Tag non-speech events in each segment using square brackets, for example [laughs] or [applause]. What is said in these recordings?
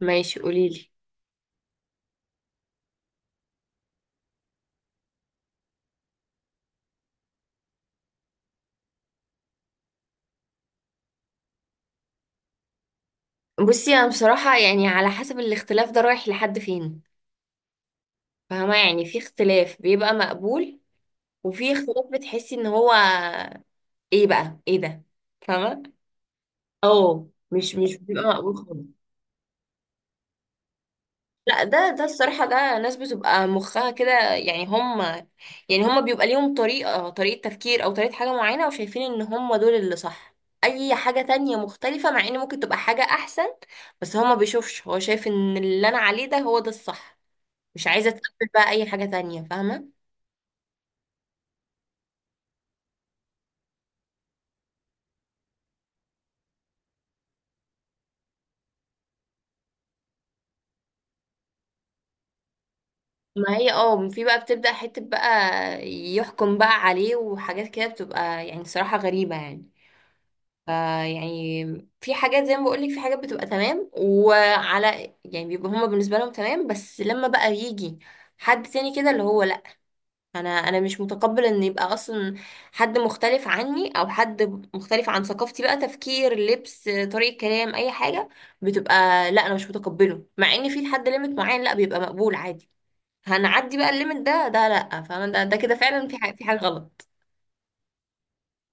ماشي، قوليلي. بصي، انا بصراحة يعني على حسب الاختلاف ده رايح لحد فين. فاهمة؟ يعني في اختلاف بيبقى مقبول، وفي اختلاف بتحسي ان هو ايه بقى، ايه ده؟ فاهمة. اه، مش بيبقى مقبول خالص. لا، ده الصراحة ده ناس بتبقى مخها كده، يعني هم، يعني هم بيبقى ليهم طريقة تفكير او طريقة حاجة معينة، وشايفين ان هم دول اللي صح. اي حاجة تانية مختلفة، مع ان ممكن تبقى حاجة احسن، بس هو ما بيشوفش، هو شايف ان اللي انا عليه ده هو ده الصح. مش عايزة تقبل بقى أي حاجة تانية، فاهمة؟ ما هي اه، في بقى بتبدأ حتة بقى يحكم بقى عليه، وحاجات كده بتبقى يعني صراحة غريبة يعني. فا يعني في حاجات، زي ما بقولك، في حاجات بتبقى تمام، وعلى يعني بيبقى هما بالنسبة لهم تمام، بس لما بقى يجي حد تاني كده اللي هو انا مش متقبل ان يبقى اصلا حد مختلف عني، او حد مختلف عن ثقافتي، بقى تفكير، لبس، طريقة كلام، اي حاجة بتبقى، لا انا مش متقبله. مع ان في لحد ليميت معين لا بيبقى مقبول عادي، هنعدي بقى الليميت ده، ده لا، فاهمة؟ ده ده كده فعلا في حاجة، في حاجة غلط،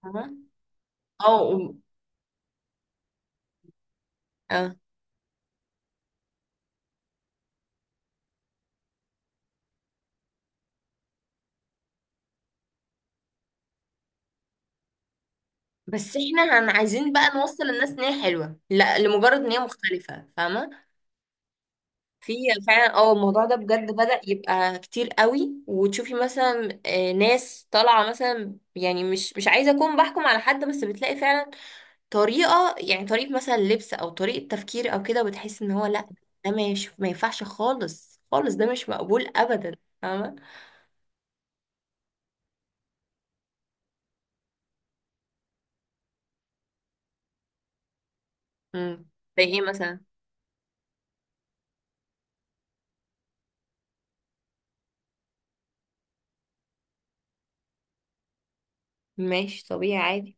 فاهمة؟ اه و- اه، بس احنا هن عايزين بقى نوصل الناس ان هي حلوة، لا لمجرد ان هي مختلفة، فاهمة؟ في فعلا، اه، الموضوع ده بجد بدأ يبقى كتير قوي، وتشوفي مثلا ناس طالعة مثلا، يعني مش عايزة أكون بحكم على حد، بس بتلاقي فعلا طريقة، يعني طريقة مثلا لبس أو طريقة تفكير أو كده، وبتحس إن هو لأ، ده ما ينفعش خالص، خالص ده مش مقبول أبدا، فاهمة؟ امم. زي ايه مثلا؟ ماشي، طبيعي، عادي.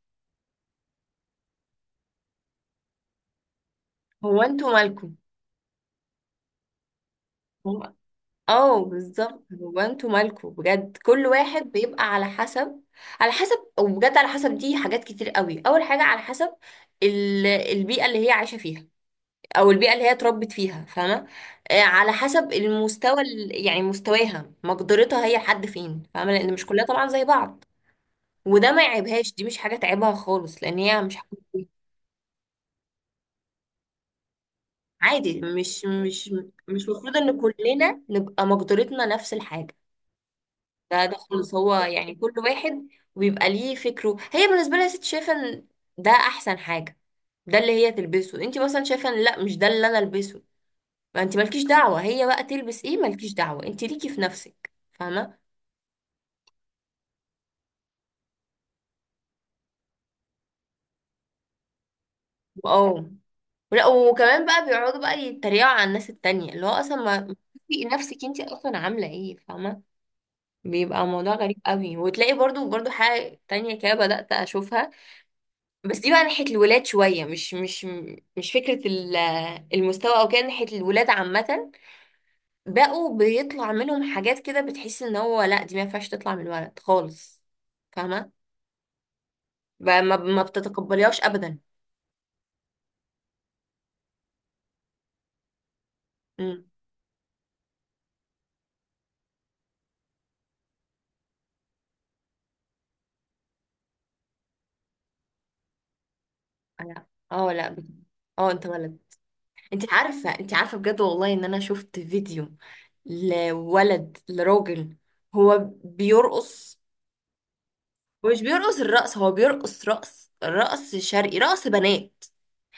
هو انتوا مالكم؟ اه بالظبط، هو انتوا مالكوا بجد؟ كل واحد بيبقى على حسب، على حسب، وبجد على حسب، دي حاجات كتير قوي. اول حاجه على حسب البيئه اللي هي عايشه فيها، او البيئه اللي هي اتربت فيها، فاهمه؟ على حسب المستوى يعني مستواها، مقدرتها هي لحد فين، فاهمه؟ لان مش كلها طبعا زي بعض، وده ما يعيبهاش، دي مش حاجه تعيبها خالص، لان هي مش حاجة عادي. مش المفروض ان كلنا نبقى مقدرتنا نفس الحاجه. ده خالص، هو يعني كل واحد ويبقى ليه فكره. هي بالنسبه لها يا ست شايفه ان ده احسن حاجه، ده اللي هي تلبسه. انت مثلا شايفه ان لا، مش ده اللي انا البسه، فانت مالكيش دعوه هي بقى تلبس ايه، مالكيش دعوه، انت ليكي في نفسك، فاهمه؟ اه، لا، وكمان بقى بيقعدوا بقى يتريقوا على الناس التانية، اللي هو اصلا ما تشوفي نفسك انت اصلا عامله ايه، فاهمه؟ بيبقى موضوع غريب قوي، وتلاقي برضو برضو حاجه تانية كده بدات اشوفها. بس دي بقى ناحية الولاد، شوية مش مش فكرة المستوى او كده، ناحية الولاد عامة بقوا بيطلع منهم حاجات كده، بتحس ان هو لا، دي ما ينفعش تطلع من الولد خالص، فاهمة؟ بقى ما بتتقبليهاش ابدا. امم. لا، اه، لا بت- اه انت ولد. انت عارفة بجد والله ان انا شفت فيديو لولد، لراجل، هو بيرقص، ومش بيرقص الرقص، هو بيرقص رقص، رقص شرقي، رقص بنات.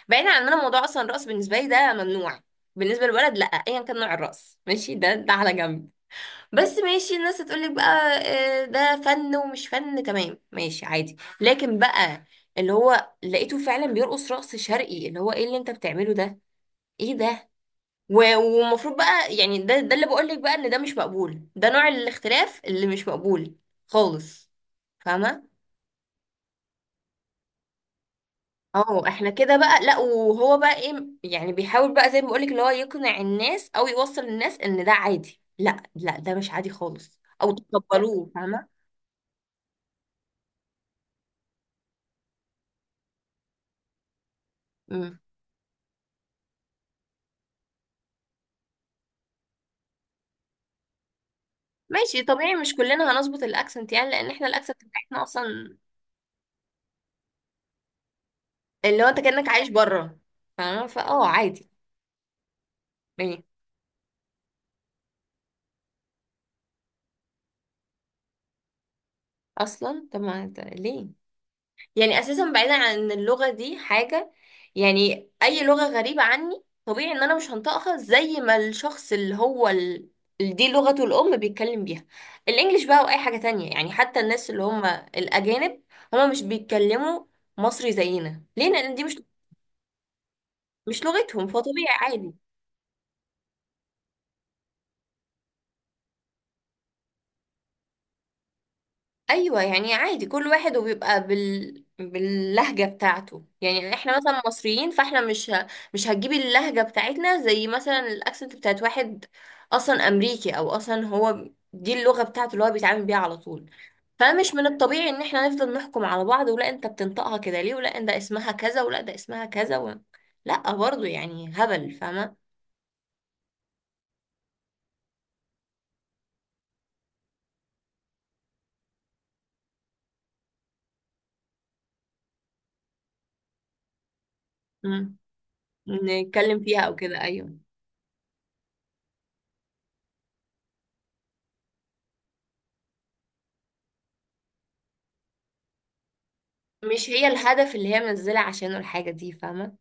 بعيدا عن ان انا موضوع اصلا الرقص بالنسبه لي ده ممنوع، بالنسبه للولد لا، ايا كان نوع الرقص، ماشي، ده على جنب. بس ماشي، الناس هتقولك بقى ده فن، ومش فن، تمام، ماشي عادي. لكن بقى اللي هو لقيته فعلا بيرقص رقص شرقي، اللي هو ايه اللي انت بتعمله ده، ايه ده؟ والمفروض بقى، يعني ده اللي بقولك بقى ان ده مش مقبول، ده نوع الاختلاف اللي مش مقبول خالص، فاهمه؟ اه، احنا كده بقى، لا. وهو بقى ايه يعني؟ بيحاول بقى زي ما بقولك، اللي هو يقنع الناس او يوصل الناس ان ده عادي. لا لا، ده مش عادي خالص، او تقبلوه، فاهمه؟ مم. ماشي، طبيعي، مش كلنا هنظبط الاكسنت، يعني لان احنا الاكسنت بتاعتنا اصلا، اللي هو انت كانك عايش بره، فاهمه؟ فاه، عادي. ايه؟ اصلا طب ما انت ليه؟ يعني اساسا، بعيدا عن ان اللغه دي حاجه، يعني اي لغه غريبه عني، طبيعي ان انا مش هنطقها زي ما الشخص اللي هو ال... اللي دي لغته الام بيتكلم بيها. الانجليش بقى واي حاجه تانية، يعني حتى الناس اللي هم الاجانب، هم مش بيتكلموا مصري زينا. ليه؟ لان دي مش لغتهم، فطبيعي، عادي. ايوه يعني عادي، كل واحد وبيبقى بال... باللهجه بتاعته. يعني احنا مثلا مصريين، فاحنا مش ه... مش هتجيبي اللهجه بتاعتنا زي مثلا الاكسنت بتاعت واحد اصلا امريكي، او اصلا هو دي اللغه بتاعته اللي هو بيتعامل بيها على طول. فمش من الطبيعي ان احنا نفضل نحكم على بعض، ولا انت بتنطقها كده ليه، ولا ده اسمها كذا، ولا ده اسمها كذا و... لا، برضو يعني هبل، فاهمه؟ مم. نتكلم فيها او كده، ايوه، مش هي الهدف اللي هي منزله عشانه الحاجه دي، فاهمه؟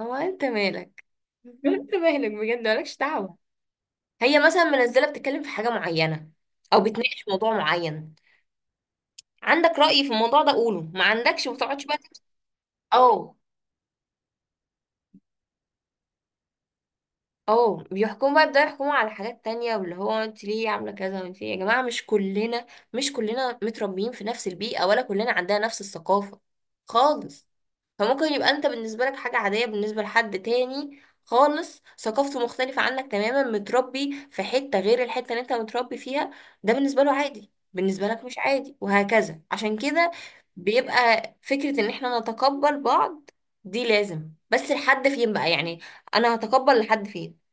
هو انت مالك؟ [laughs] انت مالك بجد، مالكش دعوة. هي مثلا منزلة بتتكلم في حاجة معينة، او بتناقش موضوع معين. عندك رأي في الموضوع ده قوله، ما عندكش ما تقعدش بقى اه. اه، بيحكموا بقى، يبدأوا يحكموا على حاجات تانية، واللي هو انت ليه عاملة كذا، وانت ليه. يا جماعة، مش كلنا متربيين في نفس البيئة، ولا كلنا عندنا نفس الثقافة خالص. فممكن يبقى انت بالنسبة لك حاجة عادية، بالنسبة لحد تاني خالص ثقافته مختلفة عنك تماما، متربي في حتة غير الحتة اللي انت متربي فيها، ده بالنسبة له عادي، بالنسبة لك مش عادي، وهكذا. عشان كده بيبقى فكرة ان احنا نتقبل بعض دي لازم، بس لحد فين بقى يعني، انا هتقبل لحد فين؟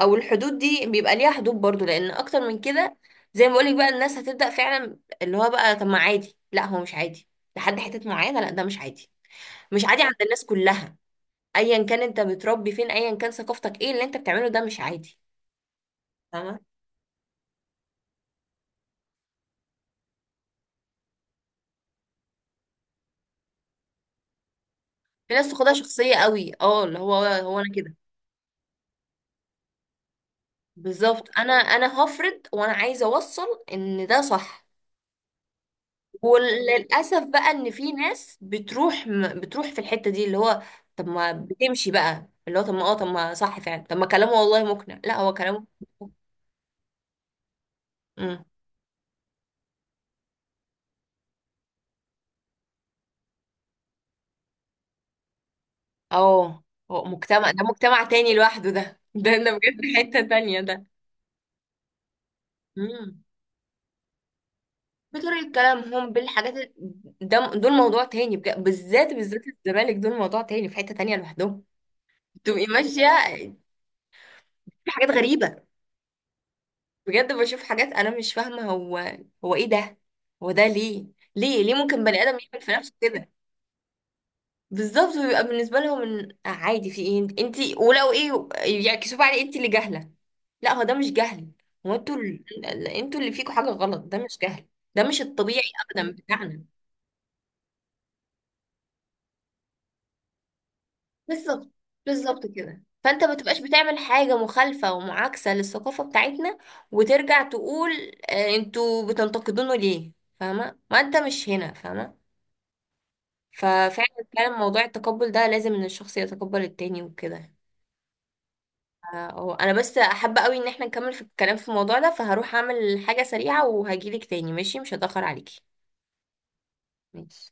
او الحدود دي بيبقى ليها حدود برضو، لان اكتر من كده، زي ما بقولك بقى، الناس هتبدأ فعلا، اللي هو بقى طب ما عادي، لا هو مش عادي، لحد حتة معينة. لا، ده مش عادي، مش عادي عند الناس كلها، ايا كان انت بتربي فين، ايا كان ثقافتك، ايه اللي انت بتعمله ده مش عادي، فاهمة؟ في ناس تاخدها شخصية قوي، اه، اللي هو انا كده. بالظبط، انا هفرض، وانا عايزة اوصل ان ده صح. وللاسف بقى ان في ناس بتروح بتروح في الحته دي، اللي هو طب ما بتمشي بقى، اللي هو طب ما اه، طب ما صح فعلا، طب ما كلامه والله مقنع، لا هو كلامه. امم. اه، هو مجتمع، ده مجتمع تاني لوحده ده. [laughs] ده بجد حته تانيه ده. امم. بطريقه كلامهم، بالحاجات ده دول موضوع تاني بجد، بالذات بالذات الزمالك، دول موضوع تاني، في حته تانيه لوحدهم. تبقي ماشيه. في حاجات غريبه بجد، بشوف حاجات انا مش فاهمه هو ايه ده، هو ده ليه؟ ليه ممكن بني ادم يعمل في نفسه كده؟ بالظبط، بيبقى بالنسبه لهم ان عادي، في ايه؟ انت ولو ايه، يعكسوا بقى عليه انت اللي جاهله. لا، هو ده مش جهل، هو انتوا انتوا اللي فيكوا حاجه غلط، ده مش جهل، ده مش الطبيعي ابدا بتاعنا. بالظبط، بالظبط كده، فانت ما تبقاش بتعمل حاجه مخالفه ومعاكسه للثقافه بتاعتنا، وترجع تقول انتوا بتنتقدونه ليه. فاهمه؟ ما انت مش هنا، فاهمه؟ ففعلا، فعلا، موضوع التقبل ده لازم ان الشخص يتقبل التاني وكده. اه، انا بس حابة قوي ان احنا نكمل في الكلام في الموضوع ده، فهروح اعمل حاجة سريعة وهجيلك تاني، ماشي؟ مش هتأخر عليكي. ماشي.